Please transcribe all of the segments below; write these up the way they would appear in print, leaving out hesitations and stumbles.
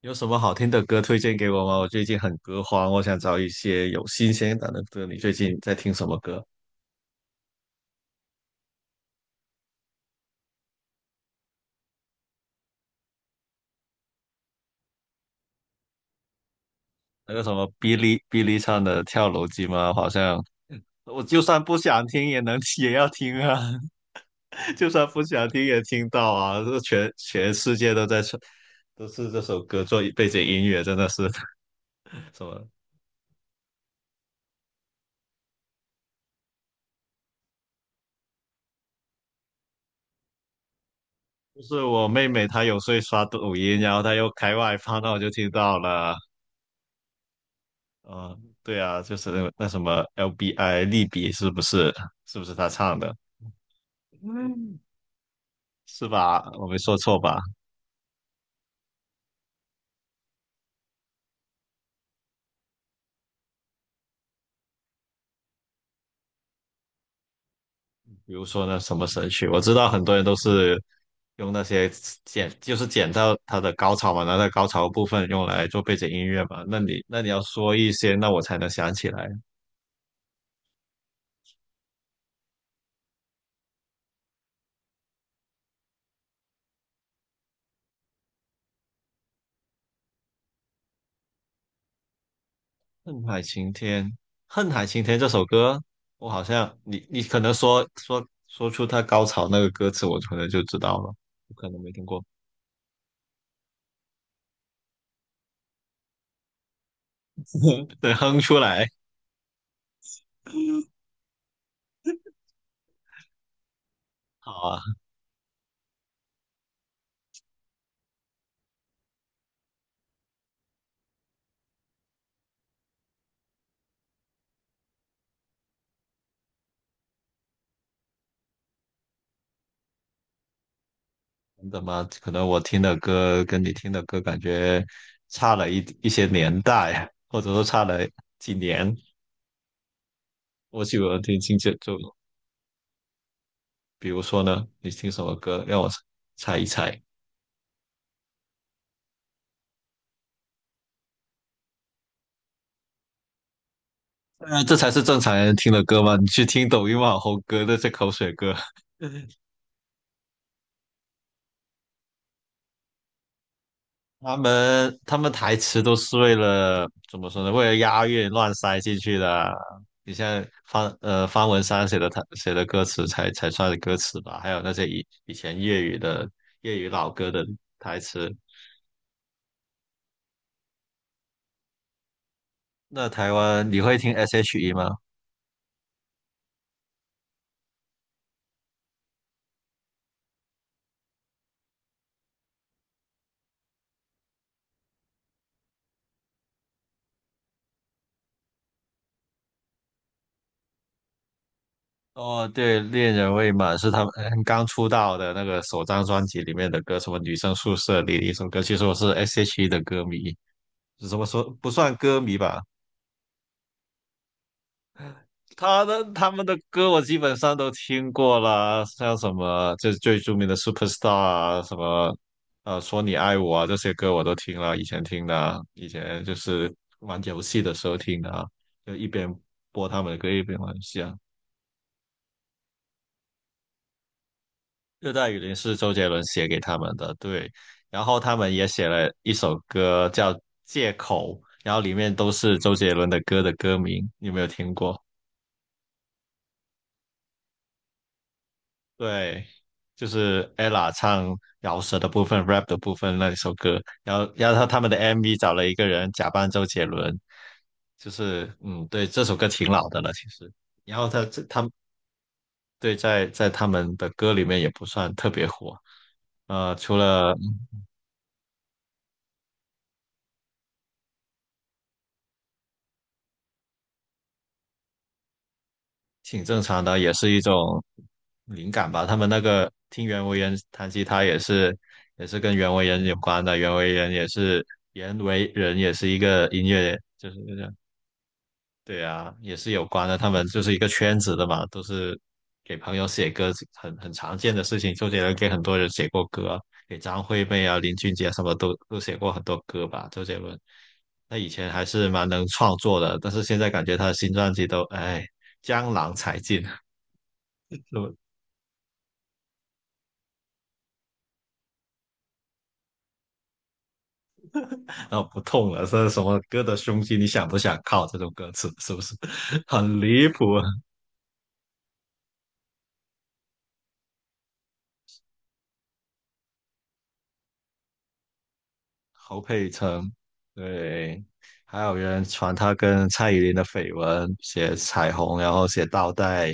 有什么好听的歌推荐给我吗？我最近很歌荒，我想找一些有新鲜感的歌。你最近在听什么歌？那个什么哔哩哔哩唱的《跳楼机》吗？好像我就算不想听也要听啊，就算不想听也听到啊。这全世界都在唱，都是这首歌做背景音乐，真的是 什么？就是我妹妹她有时候刷抖音，然后她又开外放，那我就听到了。嗯，对啊，就是那什么 LBI 利比是不是？是不是他唱的？嗯，是吧？我没说错吧？比如说那什么神曲，我知道很多人都是用那些剪，就是剪到他的高潮嘛，拿到高潮部分用来做背景音乐嘛。那你要说一些，那我才能想起来。恨海晴天，恨海晴天这首歌，我好像你可能说出他高潮那个歌词，我可能就知道了，我可能没听过。对，哼出来。好啊，真的吗？可能我听的歌跟你听的歌感觉差了一些年代啊，或者说差了几年。我喜欢听听这就比如说呢，你听什么歌？让我猜一猜。这才是正常人听的歌吗？你去听抖音网红歌那些口水歌，他们台词都是为了怎么说呢？为了押韵乱塞进去的。你像方文山写的他写的歌词才算是歌词吧，还有那些以前粤语老歌的台词。那台湾你会听 S.H.E 吗？哦，对，恋人未满是他们刚出道的那个首张专辑里面的歌，什么女生宿舍里的一首歌。其实我是 S.H.E 的歌迷，怎么说不算歌迷吧？他们的歌我基本上都听过啦，像什么这最著名的《Superstar》啊，什么《说你爱我》啊，这些歌我都听了，以前听的啊以前就是玩游戏的时候听的啊，就一边播他们的歌一边玩游戏啊。《热带雨林》是周杰伦写给他们的，对，然后他们也写了一首歌叫《借口》，然后里面都是周杰伦的歌的歌名，你有没有听过？对，就是 ella 唱饶舌的部分、rap 的部分那一首歌，然后他们的 MV 找了一个人假扮周杰伦，就是对，这首歌挺老的了其实，然后他们对在他们的歌里面也不算特别火，除了挺正常的，也是一种灵感吧。他们那个听袁惟仁弹吉他也是跟袁惟仁有关的，袁惟仁也是一个音乐就是对啊，也是有关的。他们就是一个圈子的嘛，都是给朋友写歌，很常见的事情。周杰伦给很多人写过歌，给张惠妹啊、林俊杰啊什么都写过很多歌吧。周杰伦那以前还是蛮能创作的，但是现在感觉他的新专辑都哎江郎才尽，是不？然后不痛了，这是什么歌的胸肌？你想不想靠这种歌词？是不是 很离谱啊？侯佩岑，对，还有人传他跟蔡依林的绯闻，写彩虹，然后写倒带，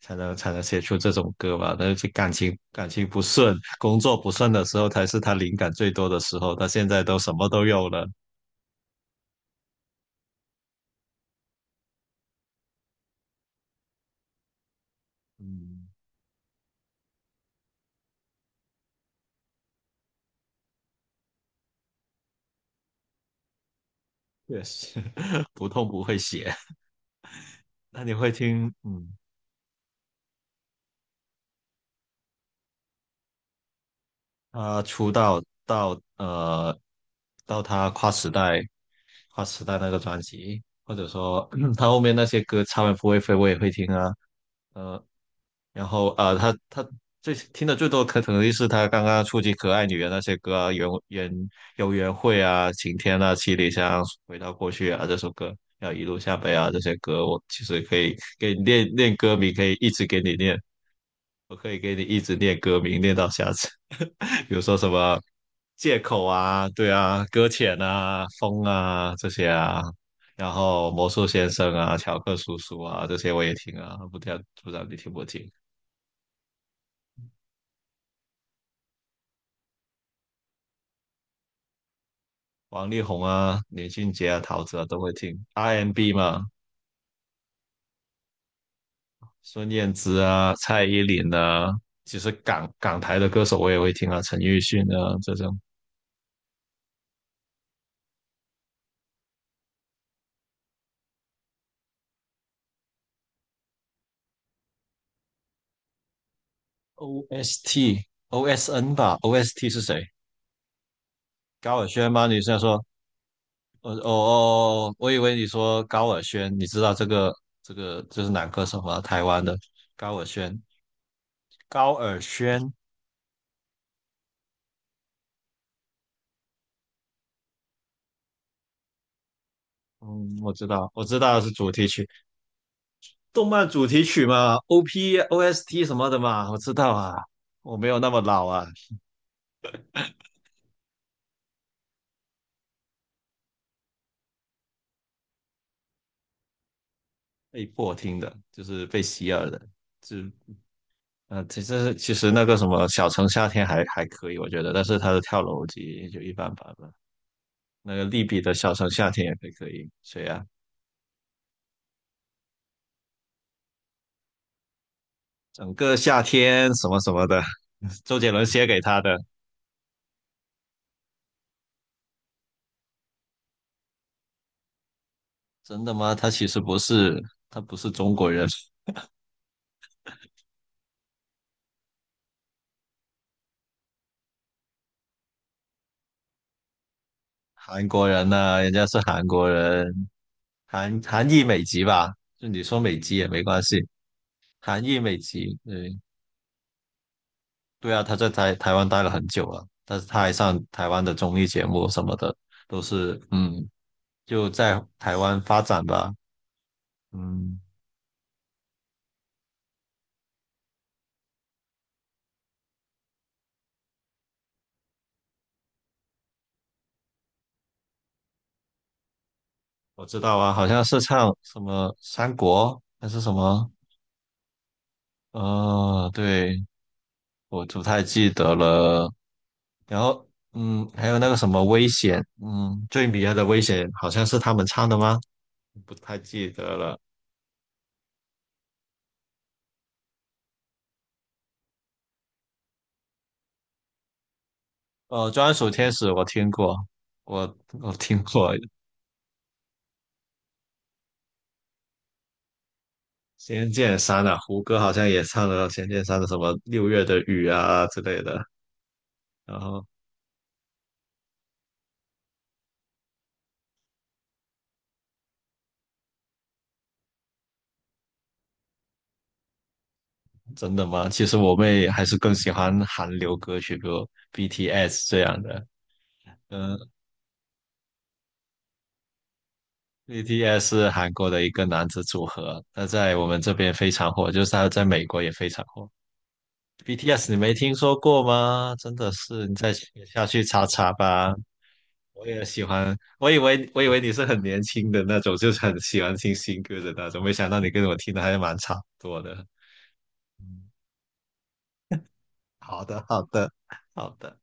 才能写出这种歌吧？那就感情不顺，工作不顺的时候，才是他灵感最多的时候。他现在都什么都有了，嗯，确实 不痛不会写。那你会听，他出道到他跨时代花时代那个专辑，或者说 他后面那些歌超人不会飞我也会听啊，呃，然后他最听的最多可能就是他刚刚触及可爱女人那些歌啊，缘缘游园会啊，晴天啊，七里香，回到过去啊这首歌，还有一路向北啊这些歌，我其实可以给你练练歌名，可以一直给你练。我可以给你一直念歌名，念到下次。比如说什么借口啊，对啊，搁浅啊，风啊这些啊，然后魔术先生啊，乔克叔叔啊这些我也听啊，不知道你听不听？王力宏啊，林俊杰啊，陶喆啊都会听，R&B n 嘛，孙燕姿啊，蔡依林啊，其实港台的歌手我也会听啊，陈奕迅啊这种。OST OSN 吧，OST 是谁？高尔宣吗？你是要说哦哦，我以为你说高尔宣，你知道这个就是男歌手吗？台湾的高尔宣，高尔宣，嗯，我知道，我知道是主题曲，动漫主题曲嘛，OP、OST 什么的嘛，我知道啊，我没有那么老啊，被迫听的，就是被洗耳的，就其实那个什么小城夏天还可以，我觉得，但是他的跳楼机也就一般般吧，那个利比的小城夏天也可以，可以，谁呀？整个夏天什么什么的，周杰伦写给他的。真的吗？他其实不是，他不是中国人，韩国人呐、人家是韩国人，韩裔美籍吧？就你说美籍也没关系，韩裔美籍，对对啊，他在台湾待了很久了，但是他还上台湾的综艺节目什么的，都是就在台湾发展吧，嗯，我知道啊，好像是唱什么三国还是什么，对，我不太记得了。然后，还有那个什么危险，最迷人的危险好像是他们唱的吗？不太记得了。专属天使我听过，我听过《仙剑三》啊，胡歌好像也唱了《仙剑三》的什么《六月的雨》啊之类的。然后，真的吗？其实我妹还是更喜欢韩流歌曲，比如 BTS 这样的。嗯、BTS 是韩国的一个男子组合，那在我们这边非常火，就是他在美国也非常火。BTS 你没听说过吗？真的是，你再下去查查吧。我也喜欢，我以为你是很年轻的那种，就是很喜欢听新歌的那种，没想到你跟我听的还蛮差不多的。嗯好的，好的，好的。